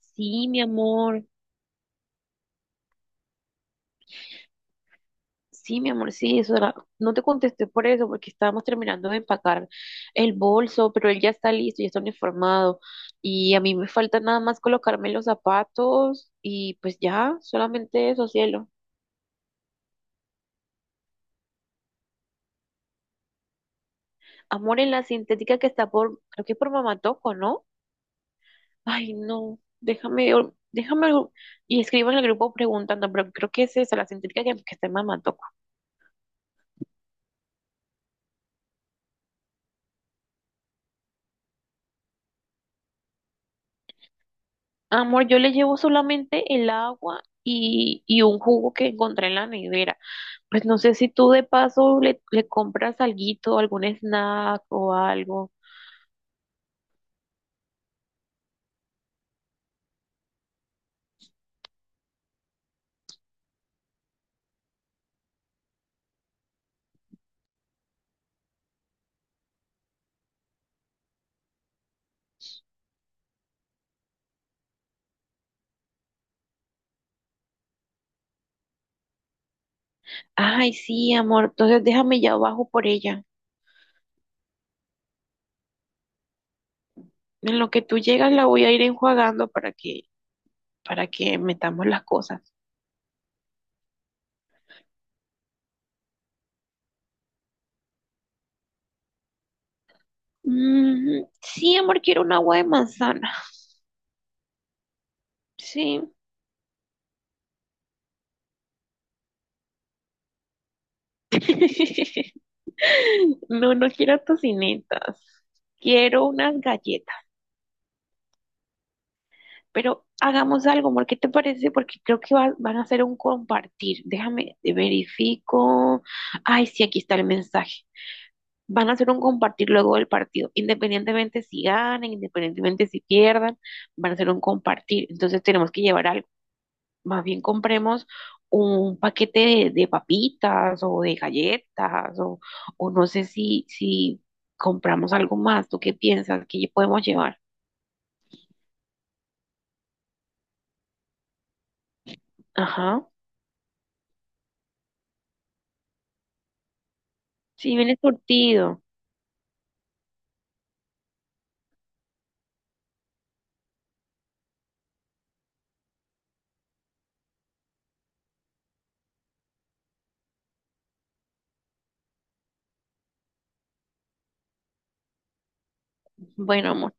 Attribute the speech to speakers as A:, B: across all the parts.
A: Sí, mi amor, sí, mi amor, sí, no te contesté por eso, porque estábamos terminando de empacar el bolso, pero él ya está listo, ya está uniformado, y a mí me falta nada más colocarme los zapatos, y pues ya, solamente eso, cielo. Amor, en la sintética que está por, creo que por Mamá Toco, ¿no? Ay, no, déjame, y escriban en el grupo preguntando, pero creo que es esa, la sintética que está en Mamá Toco. Amor, yo le llevo solamente el agua y un jugo que encontré en la nevera. Pues no sé si tú de paso le compras alguito, algún snack o algo. Ay, sí, amor, entonces déjame ya abajo por ella. En lo que tú llegas la voy a ir enjuagando para que metamos las cosas. Sí, amor, quiero un agua de manzana. Sí. No, no quiero tocinetas. Quiero unas galletas. Pero hagamos algo, amor, ¿qué te parece? Porque creo que van a hacer un compartir. Déjame, te verifico. Ay, sí, aquí está el mensaje. Van a hacer un compartir luego del partido, independientemente si ganen, independientemente si pierdan, van a hacer un compartir. Entonces tenemos que llevar algo. Más bien compremos un paquete de papitas o de galletas o no sé si compramos algo más. ¿Tú qué piensas? ¿Qué podemos llevar? Ajá. Sí, viene surtido. Bueno, amor.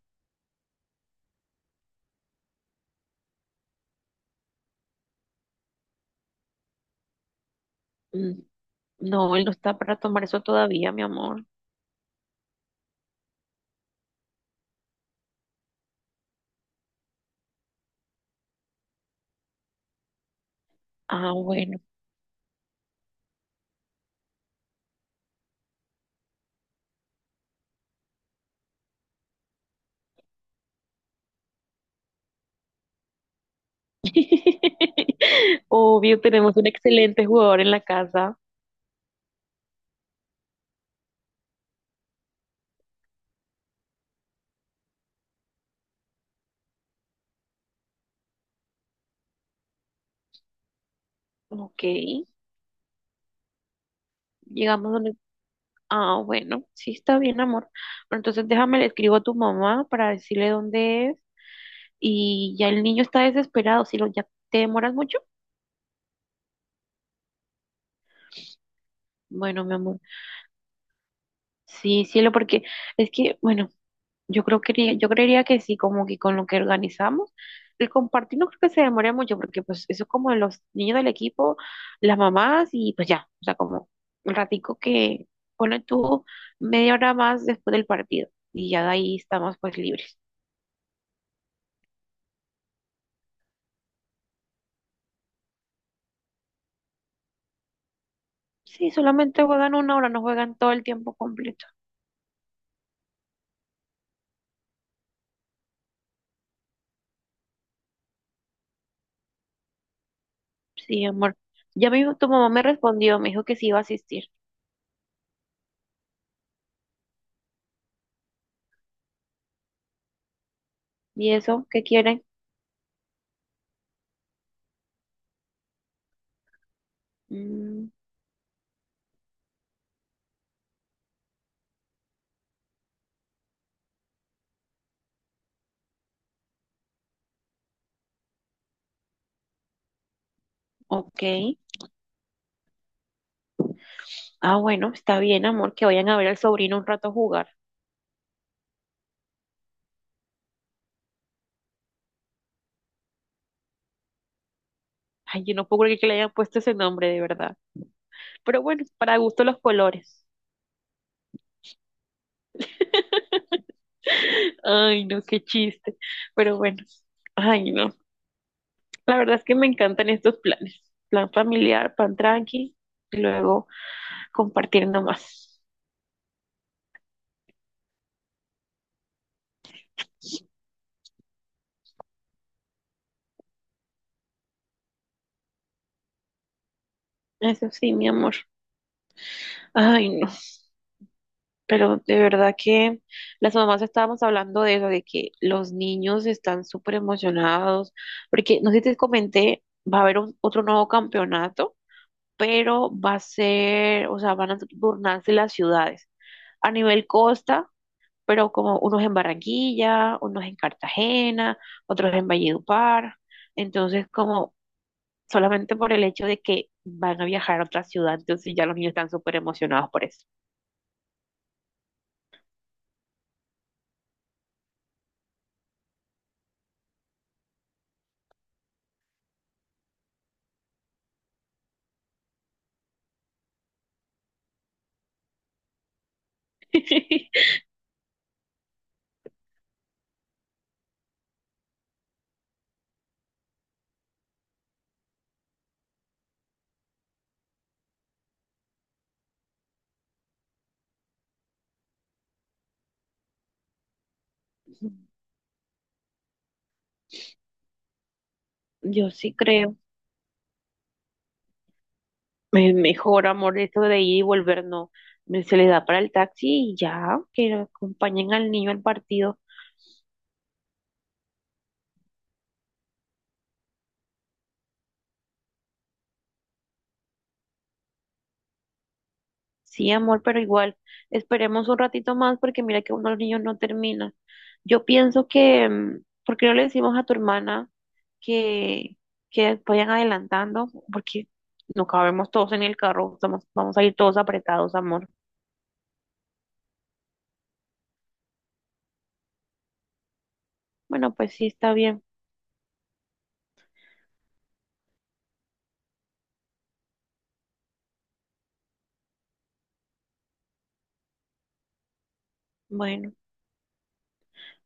A: Mm. No, él no está para tomar eso todavía, mi amor. Ah, bueno. Obvio, tenemos un excelente jugador en la casa. Ok, llegamos donde... Ah, bueno, sí está bien, amor. Pero entonces déjame, le escribo a tu mamá para decirle dónde es. Y ya el niño está desesperado. Si lo, ya te demoras mucho. Bueno, mi amor. Sí, cielo, porque es que, bueno. Yo creo que yo creería que sí, como que con lo que organizamos. El compartir no creo que se demore mucho, porque pues eso es como los niños del equipo, las mamás y pues ya, o sea, como un ratico que pone tú media hora más después del partido y ya de ahí estamos pues libres. Sí, solamente juegan una hora, no juegan todo el tiempo completo. Sí, amor. Ya mismo tu mamá me respondió, me dijo que sí iba a asistir. ¿Y eso? ¿Qué quieren? Mm, ok. Ah, bueno, está bien, amor, que vayan a ver al sobrino un rato jugar. Ay, yo no puedo creer que le hayan puesto ese nombre, de verdad. Pero bueno, para gusto los colores. Ay, no, qué chiste. Pero bueno, ay, no. La verdad es que me encantan estos planes. Plan familiar, plan tranqui, y luego compartir nomás. Eso sí, mi amor. Ay, no. Pero de verdad que las mamás estábamos hablando de eso, de que los niños están súper emocionados, porque no sé si te comenté, va a haber otro nuevo campeonato pero va a ser, o sea, van a turnarse las ciudades a nivel costa, pero como unos en Barranquilla, unos en Cartagena, otros en Valledupar. Entonces, como solamente por el hecho de que van a viajar a otra ciudad, entonces ya los niños están súper emocionados por eso. Yo sí creo. Mejor, amor, eso de ir y volver, no. Se les da para el taxi y ya, que acompañen al niño al partido. Sí, amor, pero igual, esperemos un ratito más porque mira que uno de los niños no termina. Yo pienso que, mm, ¿por qué no le decimos a tu hermana que, que vayan adelantando? Porque no cabemos todos en el carro, vamos a ir todos apretados, amor. Bueno, pues sí, está bien. Bueno.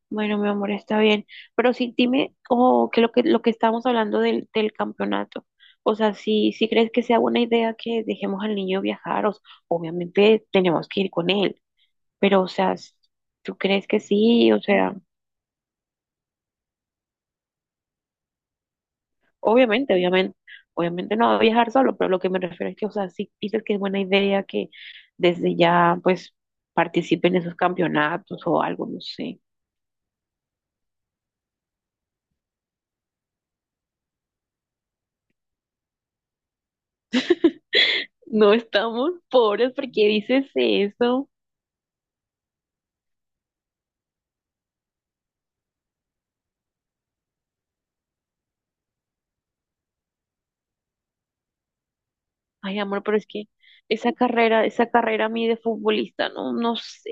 A: Bueno, mi amor, está bien. Pero sí, dime, o que lo que estábamos hablando del campeonato. O sea, si crees que sea buena idea que dejemos al niño viajar, obviamente tenemos que ir con él. Pero, o sea, ¿tú crees que sí? O sea, obviamente, obviamente, obviamente no va a viajar solo, pero lo que me refiero es que, o sea, si dices que es buena idea que desde ya, pues, participen en esos campeonatos o algo, no sé. No estamos pobres porque dices eso. Ay, amor, pero es que esa carrera a mí de futbolista, no, no sé,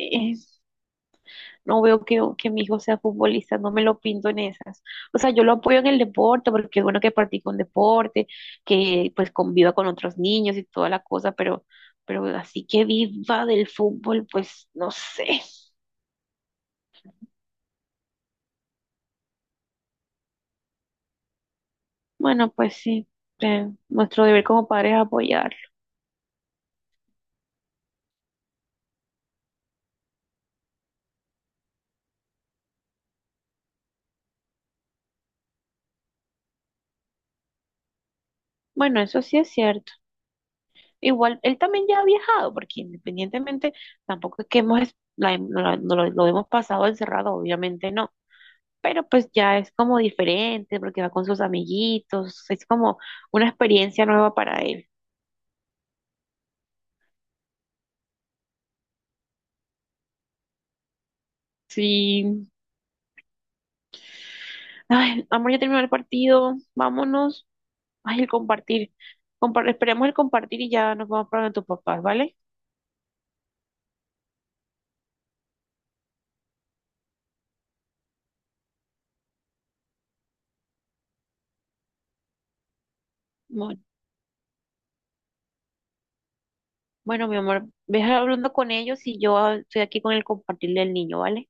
A: no veo que mi hijo sea futbolista, no me lo pinto en esas. O sea, yo lo apoyo en el deporte, porque es bueno que practique un deporte, que pues conviva con otros niños y toda la cosa, pero así que viva del fútbol, pues no sé. Bueno, pues sí, nuestro deber como padres es apoyarlo. Bueno, eso sí es cierto. Igual, él también ya ha viajado, porque independientemente, tampoco es que hemos, no lo hemos pasado encerrado, obviamente no, pero pues ya es como diferente, porque va con sus amiguitos, es como una experiencia nueva para él. Sí, ay, amor, ya terminó el partido, vámonos, ay, el compartir, esperemos el compartir y ya nos vamos para donde tus papás, ¿vale? Bueno, bueno, mi amor, ve hablando con ellos y yo ah, estoy aquí con el compartir del niño, ¿vale?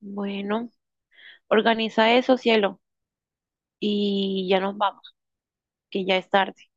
A: Bueno, organiza eso, cielo. Y ya nos vamos, que ya es tarde.